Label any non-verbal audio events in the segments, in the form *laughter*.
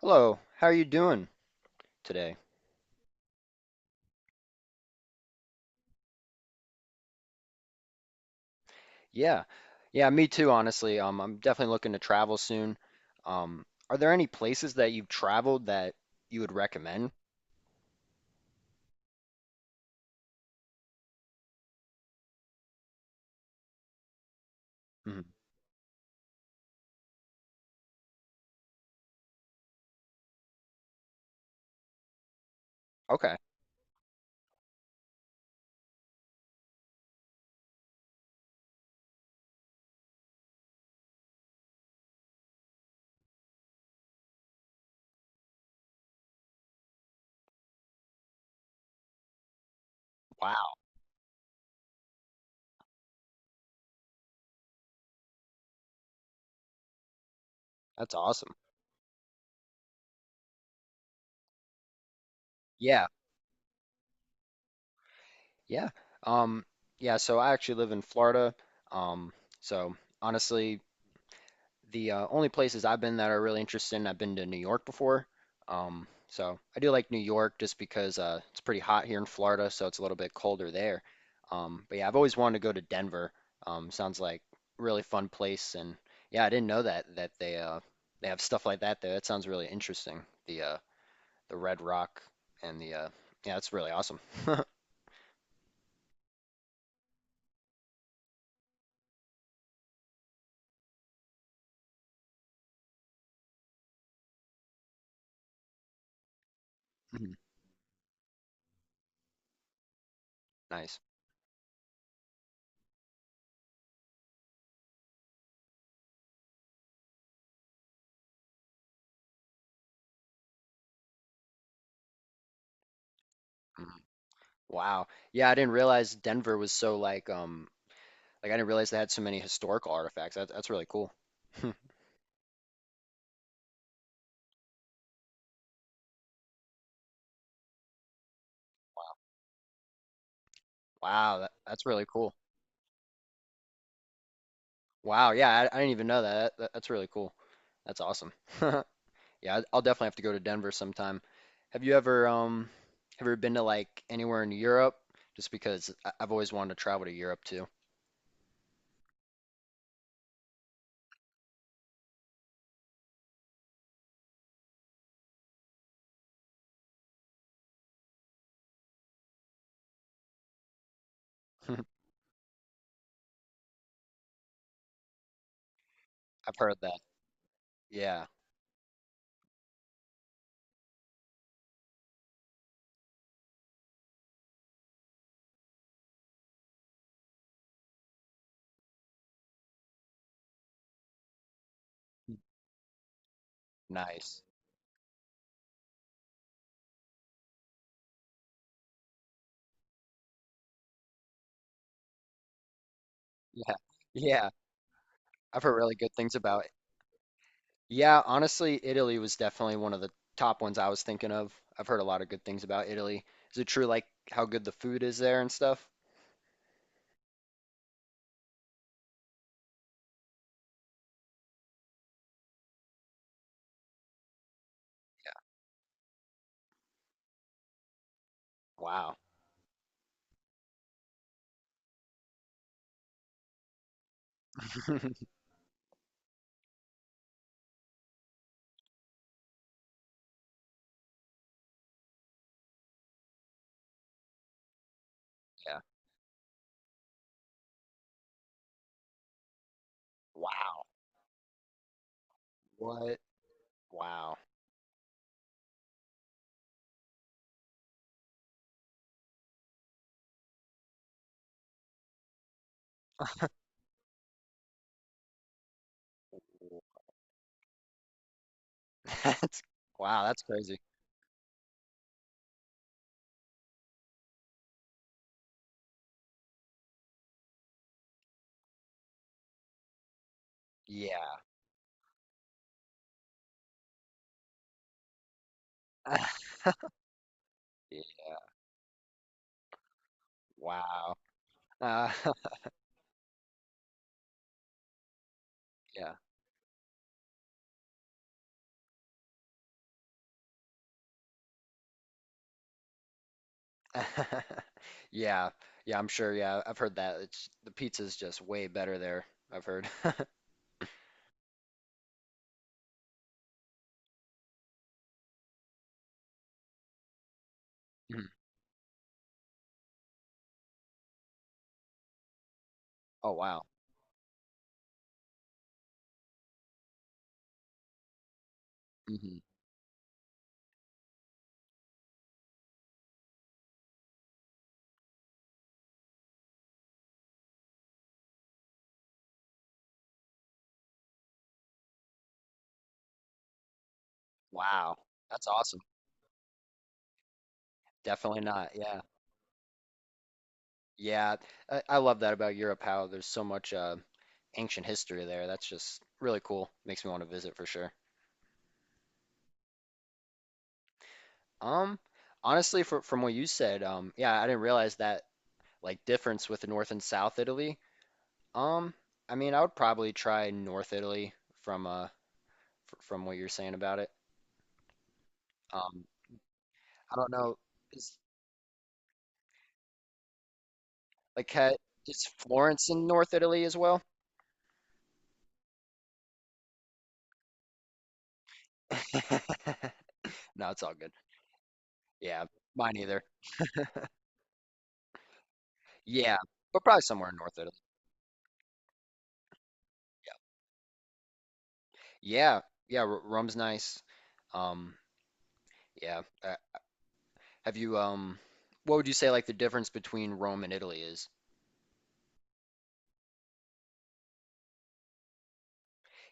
Hello, how are you doing today? Yeah, yeah, me too, honestly. I'm definitely looking to travel soon. Are there any places that you've traveled that you would recommend? Mhm. Okay, wow, that's awesome. Yeah, yeah. Um, yeah, so I actually live in Florida. Um, so honestly, the only places I've been that are really interested in, I've been to New York before. So I do like New York just because it's pretty hot here in Florida, so it's a little bit colder there. But yeah, I've always wanted to go to Denver. Sounds like a really fun place, and yeah, I didn't know that they have stuff like that there. That sounds really interesting. The uh, the Red Rock and the yeah, that's really awesome. *laughs* Mhm. Nice. Mhm. Wow. Yeah, I didn't realize Denver was so like like I didn't realize they had so many historical artifacts. That's really cool. *laughs* Wow, that's really cool. Wow, yeah, I didn't even know That's really cool. That's awesome. *laughs* Yeah, I'll definitely have to go to Denver sometime. Have you ever um have you ever been to like anywhere in Europe? Just because I've always wanted to travel to Europe too. *laughs* I've heard that. Yeah, nice. Yeah, yeah. I've heard really good things about yeah, honestly, Italy was definitely one of the top ones I was thinking of. I've heard a lot of good things about Italy. Is it true, like how good the food is there and stuff? Wow. *laughs* Yeah. Wow. What? Wow. Ooh. *laughs* That's wow, that's crazy. Yeah. *laughs* Yeah. Wow. Uh, *laughs* yeah. *laughs* Yeah. Yeah, I'm sure. Yeah, I've heard that. It's The pizza's just way better there, I've heard. *laughs* Mhm. Oh, wow. Hmm. Wow. That's awesome. Definitely not. Yeah. Yeah, I love that about Europe, how there's so much ancient history there. That's just really cool. Makes me want to visit for sure. Um, Honestly, from what you said, yeah, I didn't realize that like difference with the North and South Italy. Um, I mean, I would probably try North Italy from from what you're saying about it. Um, I don't know, is like ha, is Florence in North Italy as well? *laughs* No, it's all good. Yeah, mine either. Yeah, but probably somewhere in North Italy. Yeah, yeah, r rum's nice. Um, yeah. Have you what would you say like the difference between Rome and Italy is?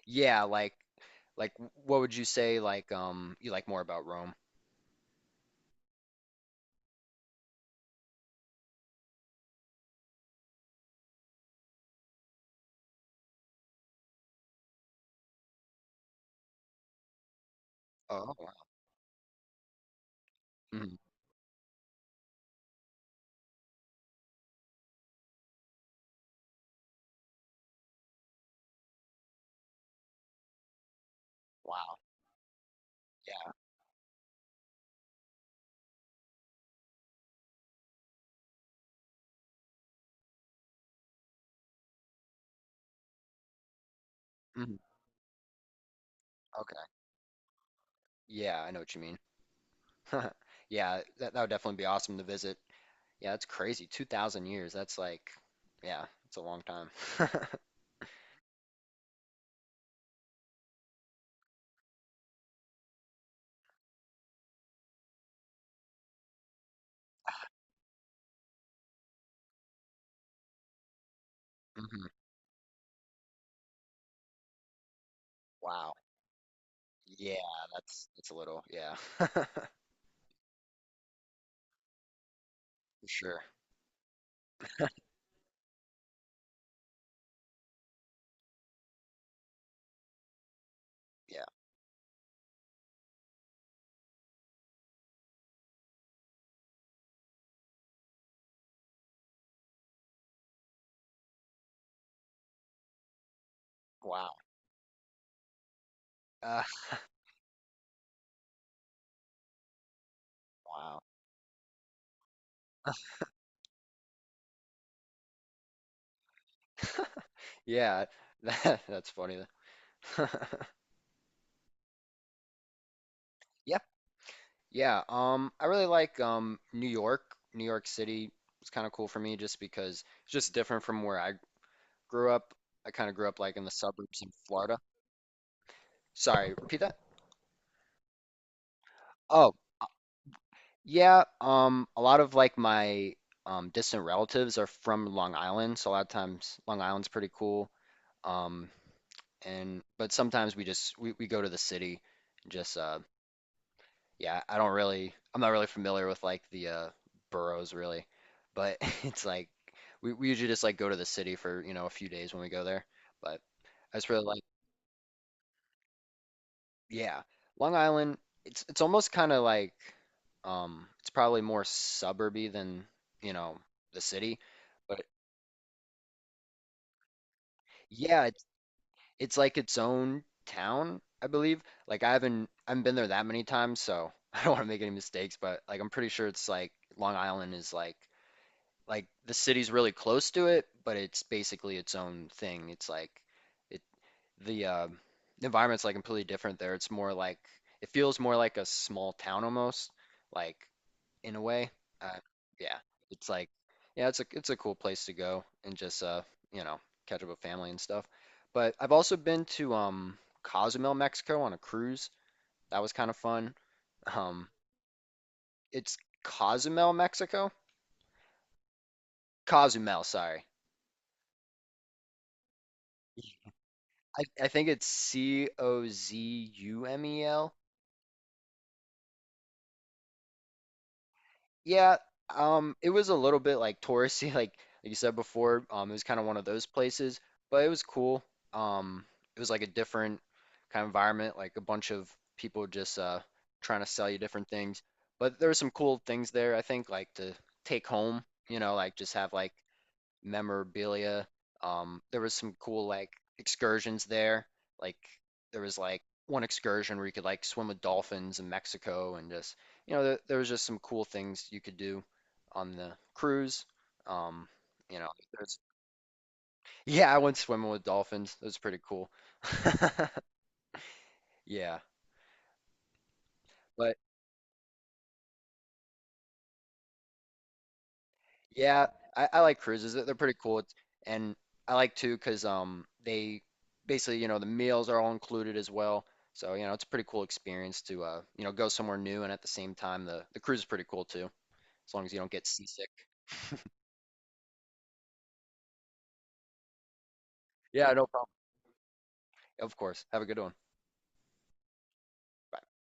Yeah, like what would you say like you like more about Rome? Oh, wow. Mhm. Wow. Yeah. Mhm. Okay. Yeah, I know what you mean. *laughs* Yeah, that that would definitely be awesome to visit. Yeah, that's crazy. 2000 years. That's like yeah, it's a long time. *laughs* Mhm. Wow. Yeah, that's a little. Yeah. *laughs* For sure. Yeah. Wow. Uh, wow. *laughs* Yeah, that's funny. *laughs* Yep. Yeah. I really like New York. New York City was kind of cool for me just because it's just different from where I grew up. I kind of grew up like in the suburbs in Florida. Sorry, repeat that. Oh, yeah. A lot of like my distant relatives are from Long Island, so a lot of times Long Island's pretty cool. Um, and but sometimes we just we go to the city and just yeah, I don't really, I'm not really familiar with like the boroughs really, but *laughs* it's like we usually just like go to the city for, you know, a few days when we go there. But I just really like, yeah, Long Island, it's almost kind of like it's probably more suburby than, you know, the city, but yeah, it's like its own town, I believe. Like I haven't been there that many times, so *laughs* I don't want to make any mistakes, but like I'm pretty sure it's like Long Island is like the city's really close to it, but it's basically its own thing. It's like it the environment's like completely different there. It's more like it feels more like a small town almost, like in a way. Uh, yeah, it's like yeah, it's a cool place to go and just you know, catch up with family and stuff. But I've also been to Cozumel, Mexico on a cruise. That was kind of fun. Um, it's Cozumel, Mexico. Cozumel, sorry. I think it's Cozumel. Yeah, it was a little bit like touristy, *laughs* like you said before. It was kind of one of those places, but it was cool. Um, it was like a different kind of environment, like a bunch of people just trying to sell you different things. But there were some cool things there, I think, like to take home, you know, like just have like memorabilia. There was some cool like excursions there. Like there was like one excursion where you could like swim with dolphins in Mexico and just you know there was just some cool things you could do on the cruise. Um, you know, there's yeah, I went swimming with dolphins. It was pretty cool. *laughs* Yeah, but yeah, I like cruises. They're pretty cool. It's, and I like too because they basically, you know, the meals are all included as well. So, you know, it's a pretty cool experience to you know, go somewhere new and at the same time the cruise is pretty cool too, as long as you don't get seasick. *laughs* Yeah, no problem. Of course. Have a good one.